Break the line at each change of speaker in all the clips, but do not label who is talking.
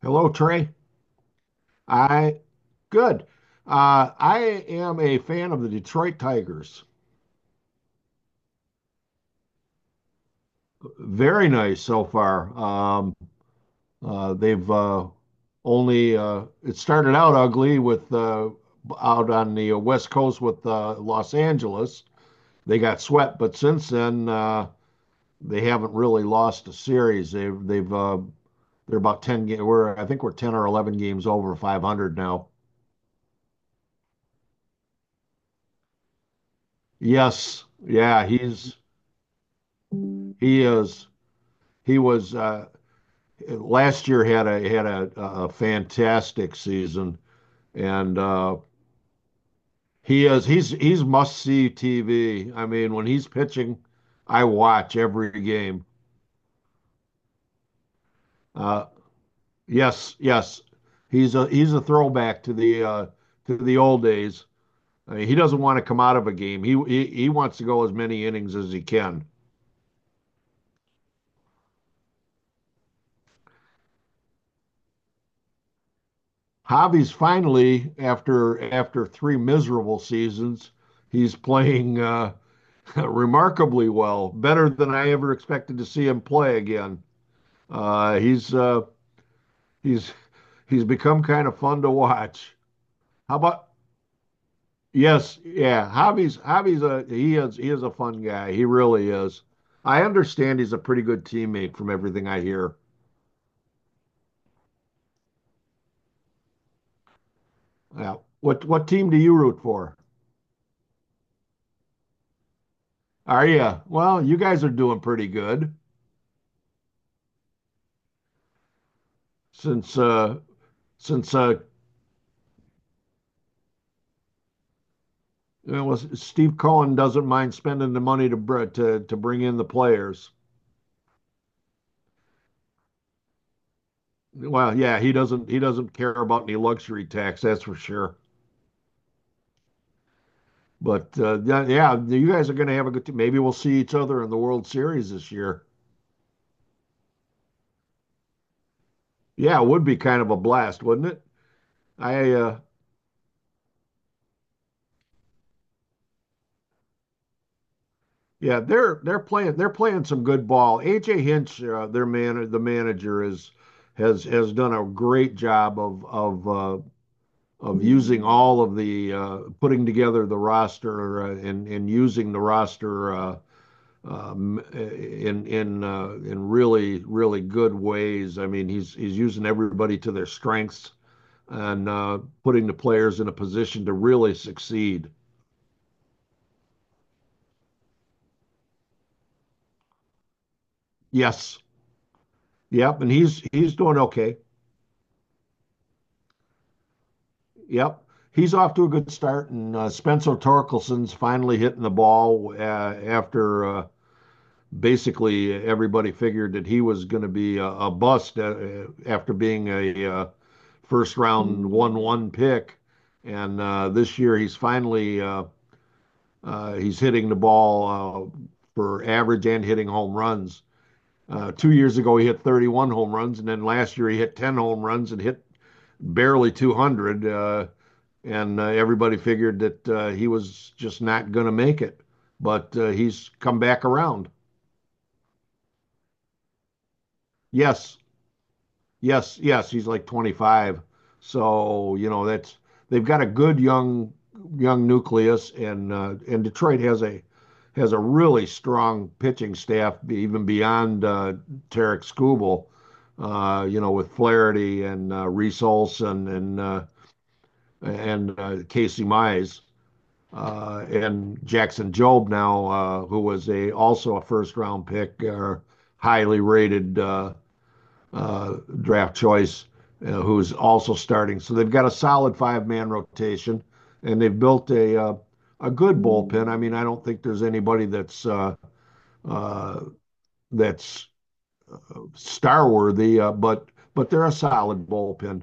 Hello, Trey. I good. I am a fan of the Detroit Tigers. Very nice so far. They've only it started out ugly with out on the West Coast with Los Angeles. They got swept, but since then they haven't really lost a series. They're about ten. Ga- We're I think we're 10 or 11 games over 500 now. Yes, yeah, he is. He was last year had a fantastic season, and uh, he's he's must see TV. I mean, when he's pitching, I watch every game. Uh, yes, yes, he's a throwback to the old days. I mean, he doesn't want to come out of a game. He, he wants to go as many innings as he can. Javi's finally after three miserable seasons, he's playing. Remarkably well, better than I ever expected to see him play again. Uh, he's uh, he's he's become kind of fun to watch. How about yes, yeah, Javi's Javi's a he is a fun guy. He really is. I understand he's a pretty good teammate from everything I hear. Yeah. What team do you root for? Are you? Well, you guys are doing pretty good since uh since well, Steve Cohen doesn't mind spending the money to br- to bring in the players. Well, yeah, he doesn't care about any luxury tax, that's for sure. But yeah, yeah, you guys are going to have a good maybe we'll see each other in the World Series this year. Yeah, it would be kind of a blast, wouldn't it? I yeah, they're playing some good ball. AJ Hinch, their man, the manager is has done a great job of of using all of the putting together the roster and using the roster. In in really, really good ways. I mean, he's using everybody to their strengths and putting the players in a position to really succeed. Yes. Yep. And he's doing okay. Yep. He's off to a good start. And Spencer Torkelson's finally hitting the ball after basically everybody figured that he was going to be a bust after being a first round one pick, and this year he's finally he's hitting the ball uh, for average and hitting home runs. 2 years ago he hit 31 home runs, and then last year he hit 10 home runs and hit barely 200. And everybody figured that he was just not going to make it, but he's come back around. Yes, Yes, yes, he's like 25. So, you know, that's they've got a good young nucleus, and Detroit has a really strong pitching staff even beyond Tarek Skubal, you know, with Flaherty and Reese Olson and Casey Mize and Jackson Job now, who was a also a first round pick or highly rated uh, draft choice, who's also starting. So they've got a solid five-man rotation, and they've built a good bullpen. I mean, I don't think there's anybody uh, that's star worthy, but they're a solid bullpen.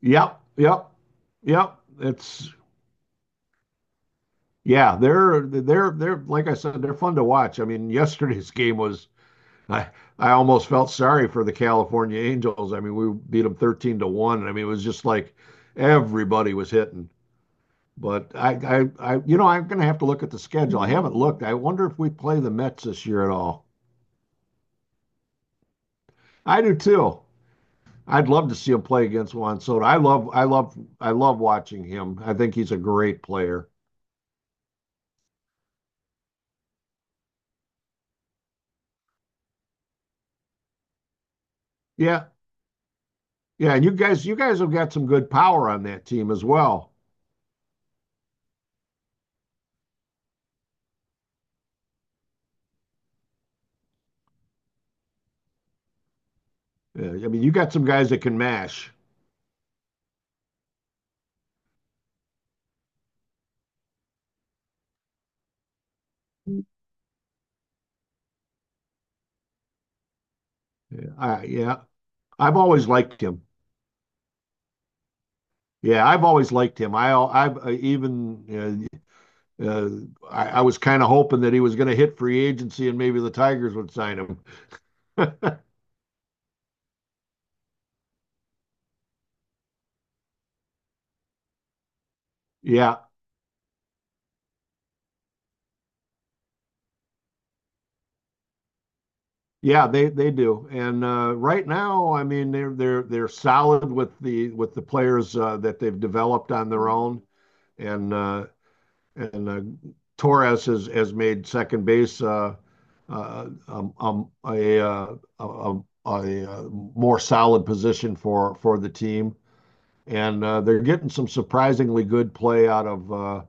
Yep, yep, yep. It's yeah, they're like I said, they're fun to watch. I mean, yesterday's game was I I almost felt sorry for the California Angels. I mean, we beat them 13-1. I mean, it was just like everybody was hitting. But I, I you know, I'm going to have to look at the schedule. I haven't looked. I wonder if we play the Mets this year at all. I do too. I'd love to see him play against Juan Soto. I love watching him. I think he's a great player. Yeah, yeah. And you guys, have got some good power on that team as well. Yeah, I mean, you got some guys that can mash. Yeah, yeah. I've always liked him. Yeah, I've always liked him. I, I've even uh, uh, I was kind of hoping that he was going to hit free agency and maybe the Tigers would sign him. Yeah, yeah, they do. And right now, I mean, they're solid with the players that they've developed on their own. And uh, and Torres has made second base a more solid position for the team. And they're getting some surprisingly good play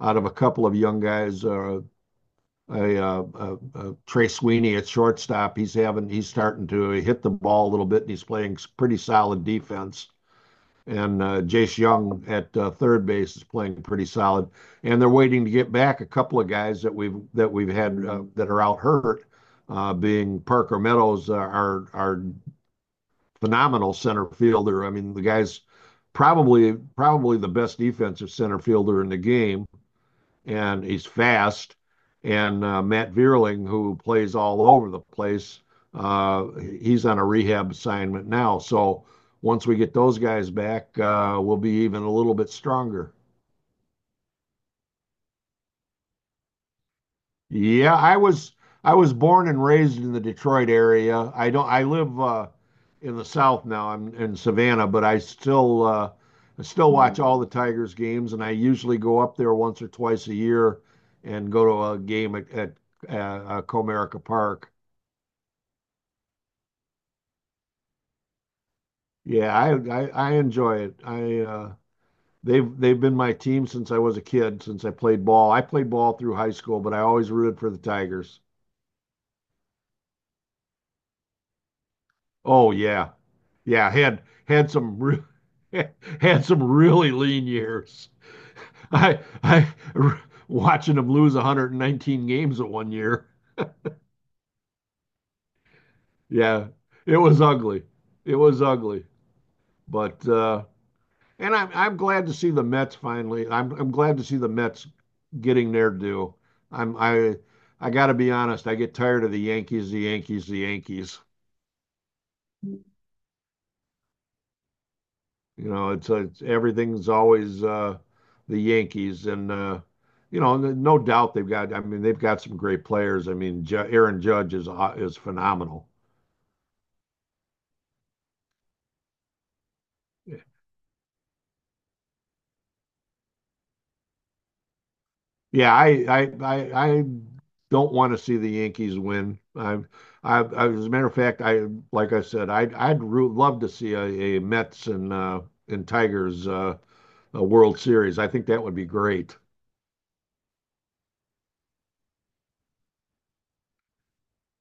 out of a couple of young guys. Trey Sweeney at shortstop, he's starting to hit the ball a little bit, and he's playing pretty solid defense. And Jace Young at third base is playing pretty solid. And they're waiting to get back a couple of guys that we've had that are out hurt, being Parker Meadows, our phenomenal center fielder. I mean, the guy's probably the best defensive center fielder in the game, and he's fast. And Matt Vierling, who plays all over the place, he's on a rehab assignment now. So once we get those guys back, we'll be even a little bit stronger. Yeah, I was I was born and raised in the Detroit area. I don't I live in the South now. I'm in Savannah, but I still watch Hmm. all the Tigers games, and I usually go up there once or twice a year and go to a game at uh, Comerica Park. Yeah, I enjoy it. I they've been my team since I was a kid, since I played ball. I played ball through high school, but I always rooted for the Tigers. Oh yeah. Yeah, had had some re had some really lean years. I r- watching them lose 119 games at one year. Yeah, it was ugly. It was ugly. But and I'm glad to see the Mets finally. I'm glad to see the Mets getting their due. I'm I I got to be honest, I get tired of the Yankees, the Yankees, the Yankees. You know, it's everything's always the Yankees, and you know, no doubt they've got. I mean, they've got some great players. I mean, Aaron Judge is phenomenal. Yeah, I don't want to see the Yankees win. I as a matter of fact, I like I said, I'd root, love to see a Mets and Tigers a World Series. I think that would be great.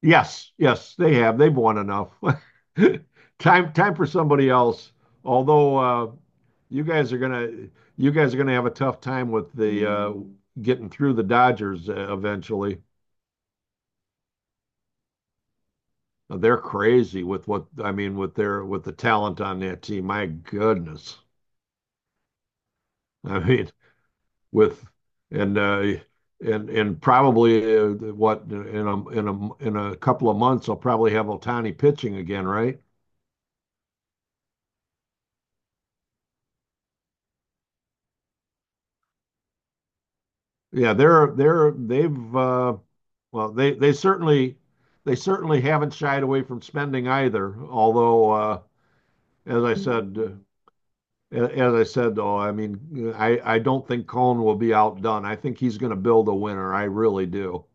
Yes, yes, they have. They've won enough. Time for somebody else. Although you guys are gonna, you guys are gonna have a tough time with the getting through the Dodgers eventually. They're crazy with what I mean with their with the talent on that team. My goodness, I mean with and uh, and probably what in a couple of months, I'll probably have Otani pitching again, right? Yeah, they've well, they certainly haven't shied away from spending either. Although, as I said, uh, as I said though, I mean, I don't think Cohn will be outdone. I think he's going to build a winner. I really do.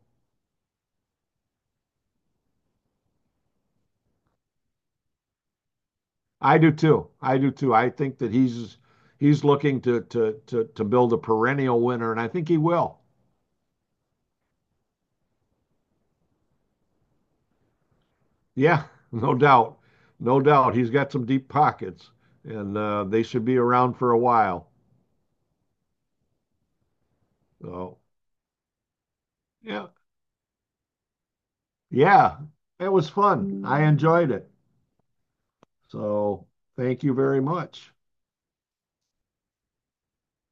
I do too. I think that he's looking to build a perennial winner, and I think he will. Yeah, no doubt, no doubt. He's got some deep pockets, and they should be around for a while. So yeah, Yeah, it was fun. I enjoyed it. So thank you very much.